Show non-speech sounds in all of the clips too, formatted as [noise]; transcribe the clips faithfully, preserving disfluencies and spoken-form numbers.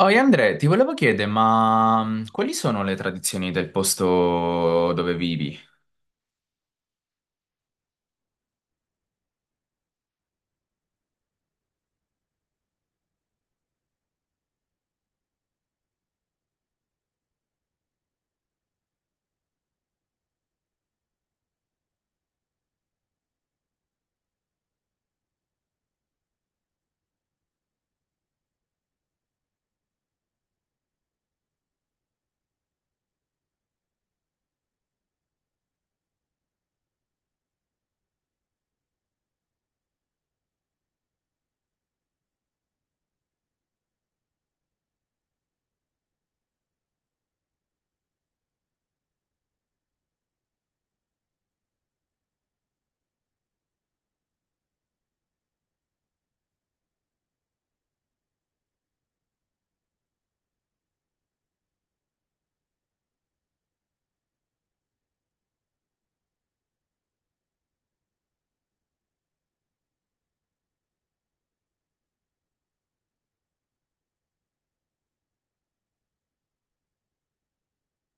Oi Andrea, ti volevo chiedere, ma mh, quali sono le tradizioni del posto dove vivi?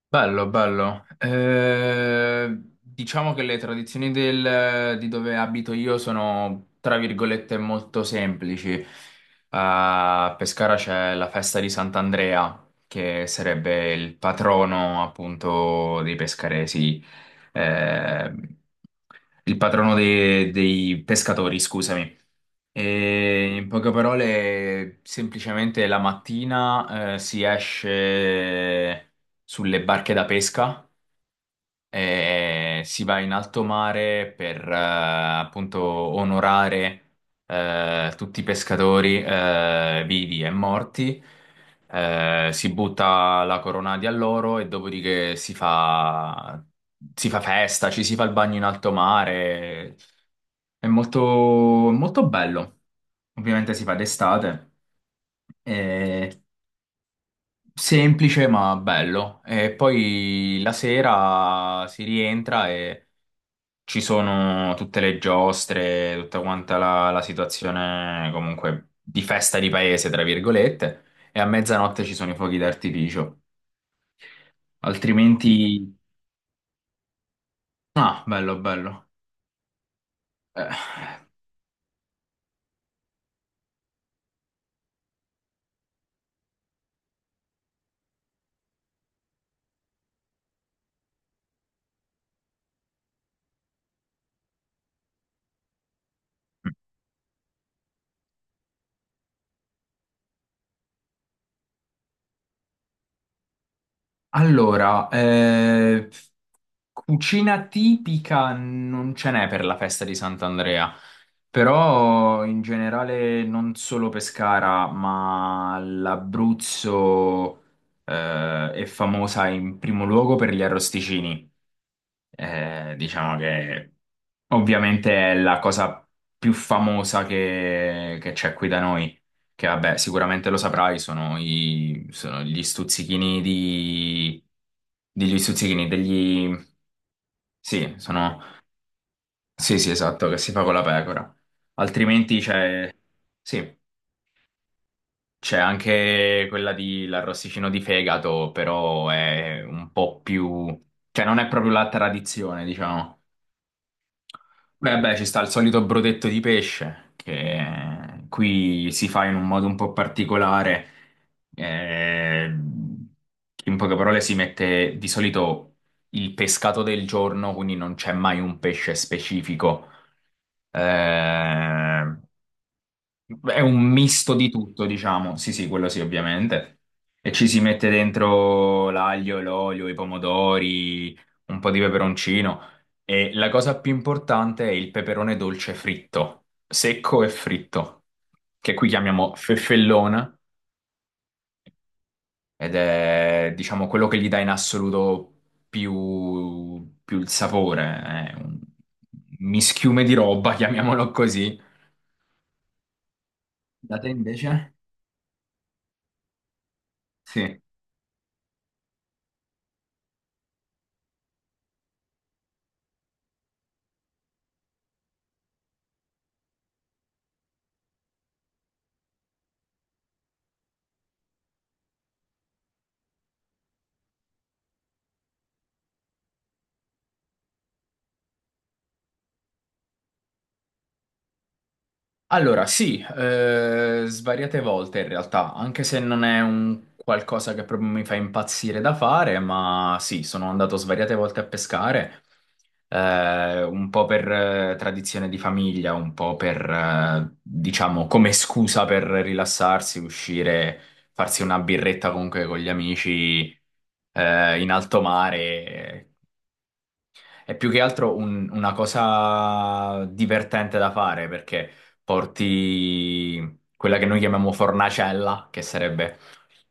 Bello, bello. Eh, diciamo che le tradizioni del- di dove abito io sono, tra virgolette, molto semplici. A Pescara c'è la festa di Sant'Andrea, che sarebbe il patrono appunto dei pescaresi, eh, il patrono dei dei pescatori, scusami. E in poche parole, semplicemente la mattina eh, si esce sulle barche da pesca e si va in alto mare per eh, appunto onorare eh, tutti i pescatori, eh, vivi e morti. Eh, si butta la corona di alloro e dopodiché si fa, si fa festa, ci si fa il bagno in alto mare. È molto, molto bello. Ovviamente si fa d'estate, è semplice ma bello. E poi la sera si rientra e ci sono tutte le giostre, tutta quanta la, la situazione comunque di festa di paese, tra virgolette, e a mezzanotte ci sono i fuochi d'artificio. Altrimenti... Ah, bello, bello. Eh, Allora, eh, cucina tipica non ce n'è per la festa di Sant'Andrea. Però in generale non solo Pescara, ma l'Abruzzo eh, è famosa in primo luogo per gli arrosticini. Eh, diciamo che ovviamente è la cosa più famosa che che c'è qui da noi, che vabbè, sicuramente lo saprai, sono, i- sono gli stuzzichini di... degli stuzzichini, degli... Sì, sì, sì, esatto, che si fa con la pecora. Altrimenti c'è, sì, c'è anche quella di l'arrosticino di fegato, però è un po' più, cioè non è proprio la tradizione, diciamo. Beh, beh, ci sta il solito brodetto di pesce che qui si fa in un modo un po' particolare. eh, In poche parole si mette di solito il pescato del giorno, quindi non c'è mai un pesce specifico. Eh, è un misto di tutto, diciamo. Sì, sì, quello sì, ovviamente. E ci si mette dentro l'aglio, l'olio, i pomodori, un po' di peperoncino. E la cosa più importante è il peperone dolce fritto, secco e fritto, che qui chiamiamo feffellona, ed è, diciamo, quello che gli dà in assoluto più, più il sapore. È un mischiume di roba, [laughs] chiamiamolo così. Da te invece? Sì. Allora, sì, eh, svariate volte in realtà, anche se non è un qualcosa che proprio mi fa impazzire da fare, ma sì, sono andato svariate volte a pescare, eh, un po' per eh, tradizione di famiglia, un po' per, eh, diciamo, come scusa per rilassarsi, uscire, farsi una birretta comunque con gli amici, eh, in alto mare. È più che altro un- una cosa divertente da fare perché porti quella che noi chiamiamo fornacella, che sarebbe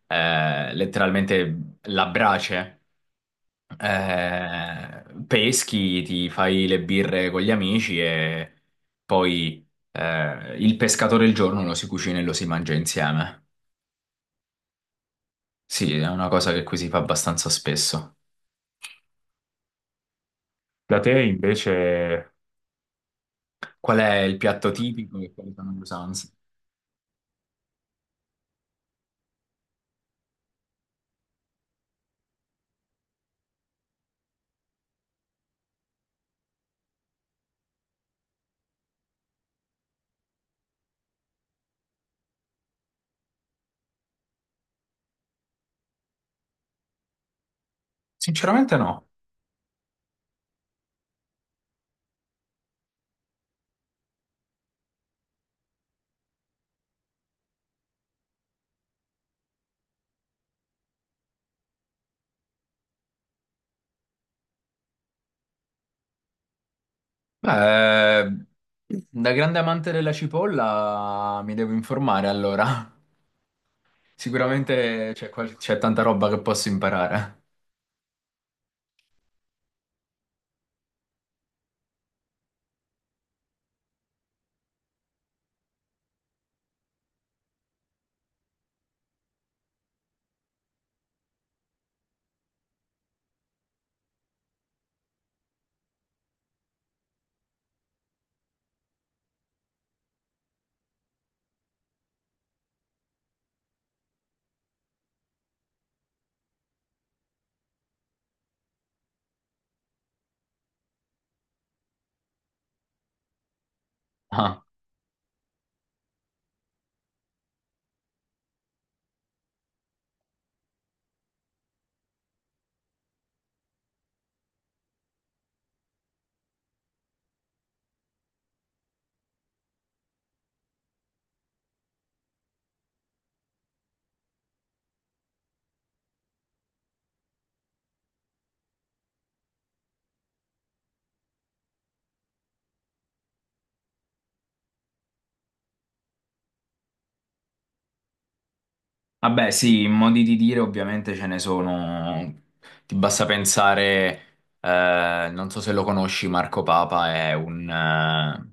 eh, letteralmente la brace, eh, peschi, ti fai le birre con gli amici e poi eh, il pescatore il giorno lo si cucina e lo si mangia insieme. Sì, è una cosa che qui si fa abbastanza spesso. Da te invece... Qual è il piatto tipico e quali sono le usanze? Sinceramente no. Beh, ehm, da grande amante della cipolla mi devo informare allora. [laughs] Sicuramente c'è qual- c'è tanta roba che posso imparare. Ah. Vabbè, sì, in modi di dire ovviamente ce ne sono. Ti basta pensare, eh, non so se lo conosci, Marco Papa è un, eh,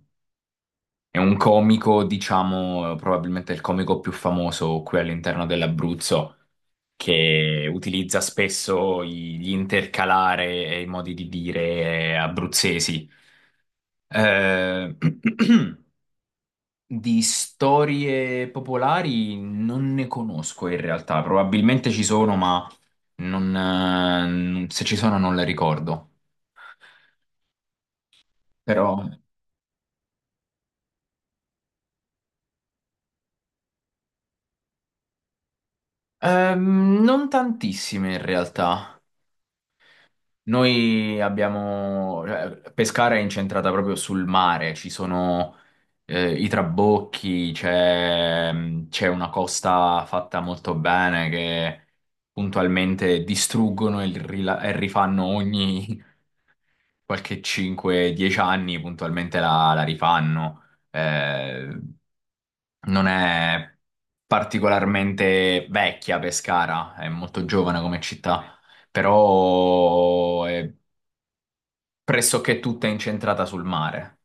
è un comico, diciamo, probabilmente il comico più famoso qui all'interno dell'Abruzzo. Che utilizza spesso i- gli intercalare e i modi di dire abruzzesi. Eh, [clears throat] di storie popolari non ne conosco in realtà, probabilmente ci sono, ma non, eh, non- se ci sono non le ricordo. Però ehm, non tantissime in realtà. Noi abbiamo... cioè, Pescara è incentrata proprio sul mare, ci sono eh, i trabocchi, c'è mm, c'è una costa fatta molto bene che puntualmente distruggono e, rila- e rifanno ogni [laughs] qualche cinque dieci anni, puntualmente la, la rifanno. Eh, non è particolarmente vecchia Pescara, è molto giovane come città, però è pressoché tutta incentrata sul mare.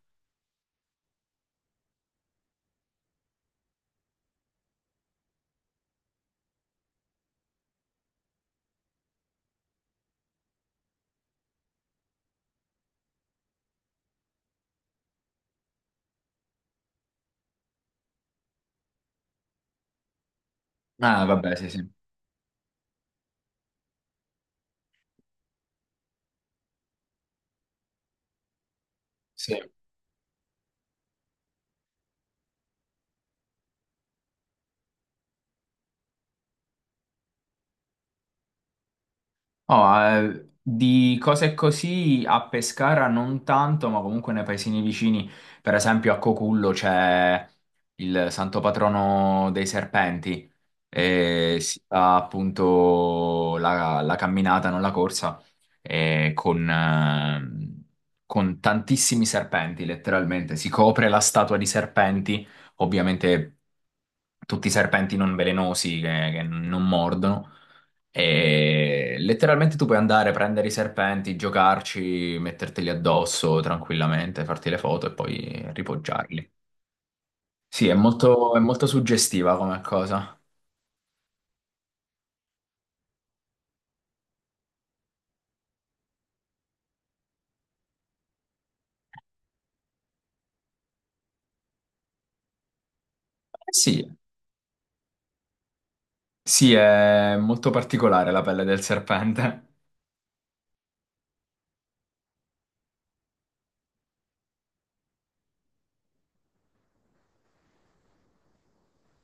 Ah, vabbè, sì, sì. Sì. Oh, eh, di cose così a Pescara non tanto, ma comunque nei paesini vicini, per esempio a Cocullo c'è il santo patrono dei serpenti e si fa appunto la, la camminata, non la corsa, e con, eh, con tantissimi serpenti, letteralmente. Si copre la statua di serpenti, ovviamente tutti i serpenti non velenosi che, che non mordono. E letteralmente tu puoi andare, prendere i serpenti, giocarci, metterteli addosso tranquillamente, farti le foto e poi ripoggiarli. Sì, è molto, è molto suggestiva come cosa. Eh sì, sì, è molto particolare la pelle del serpente.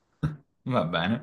[laughs] Va bene.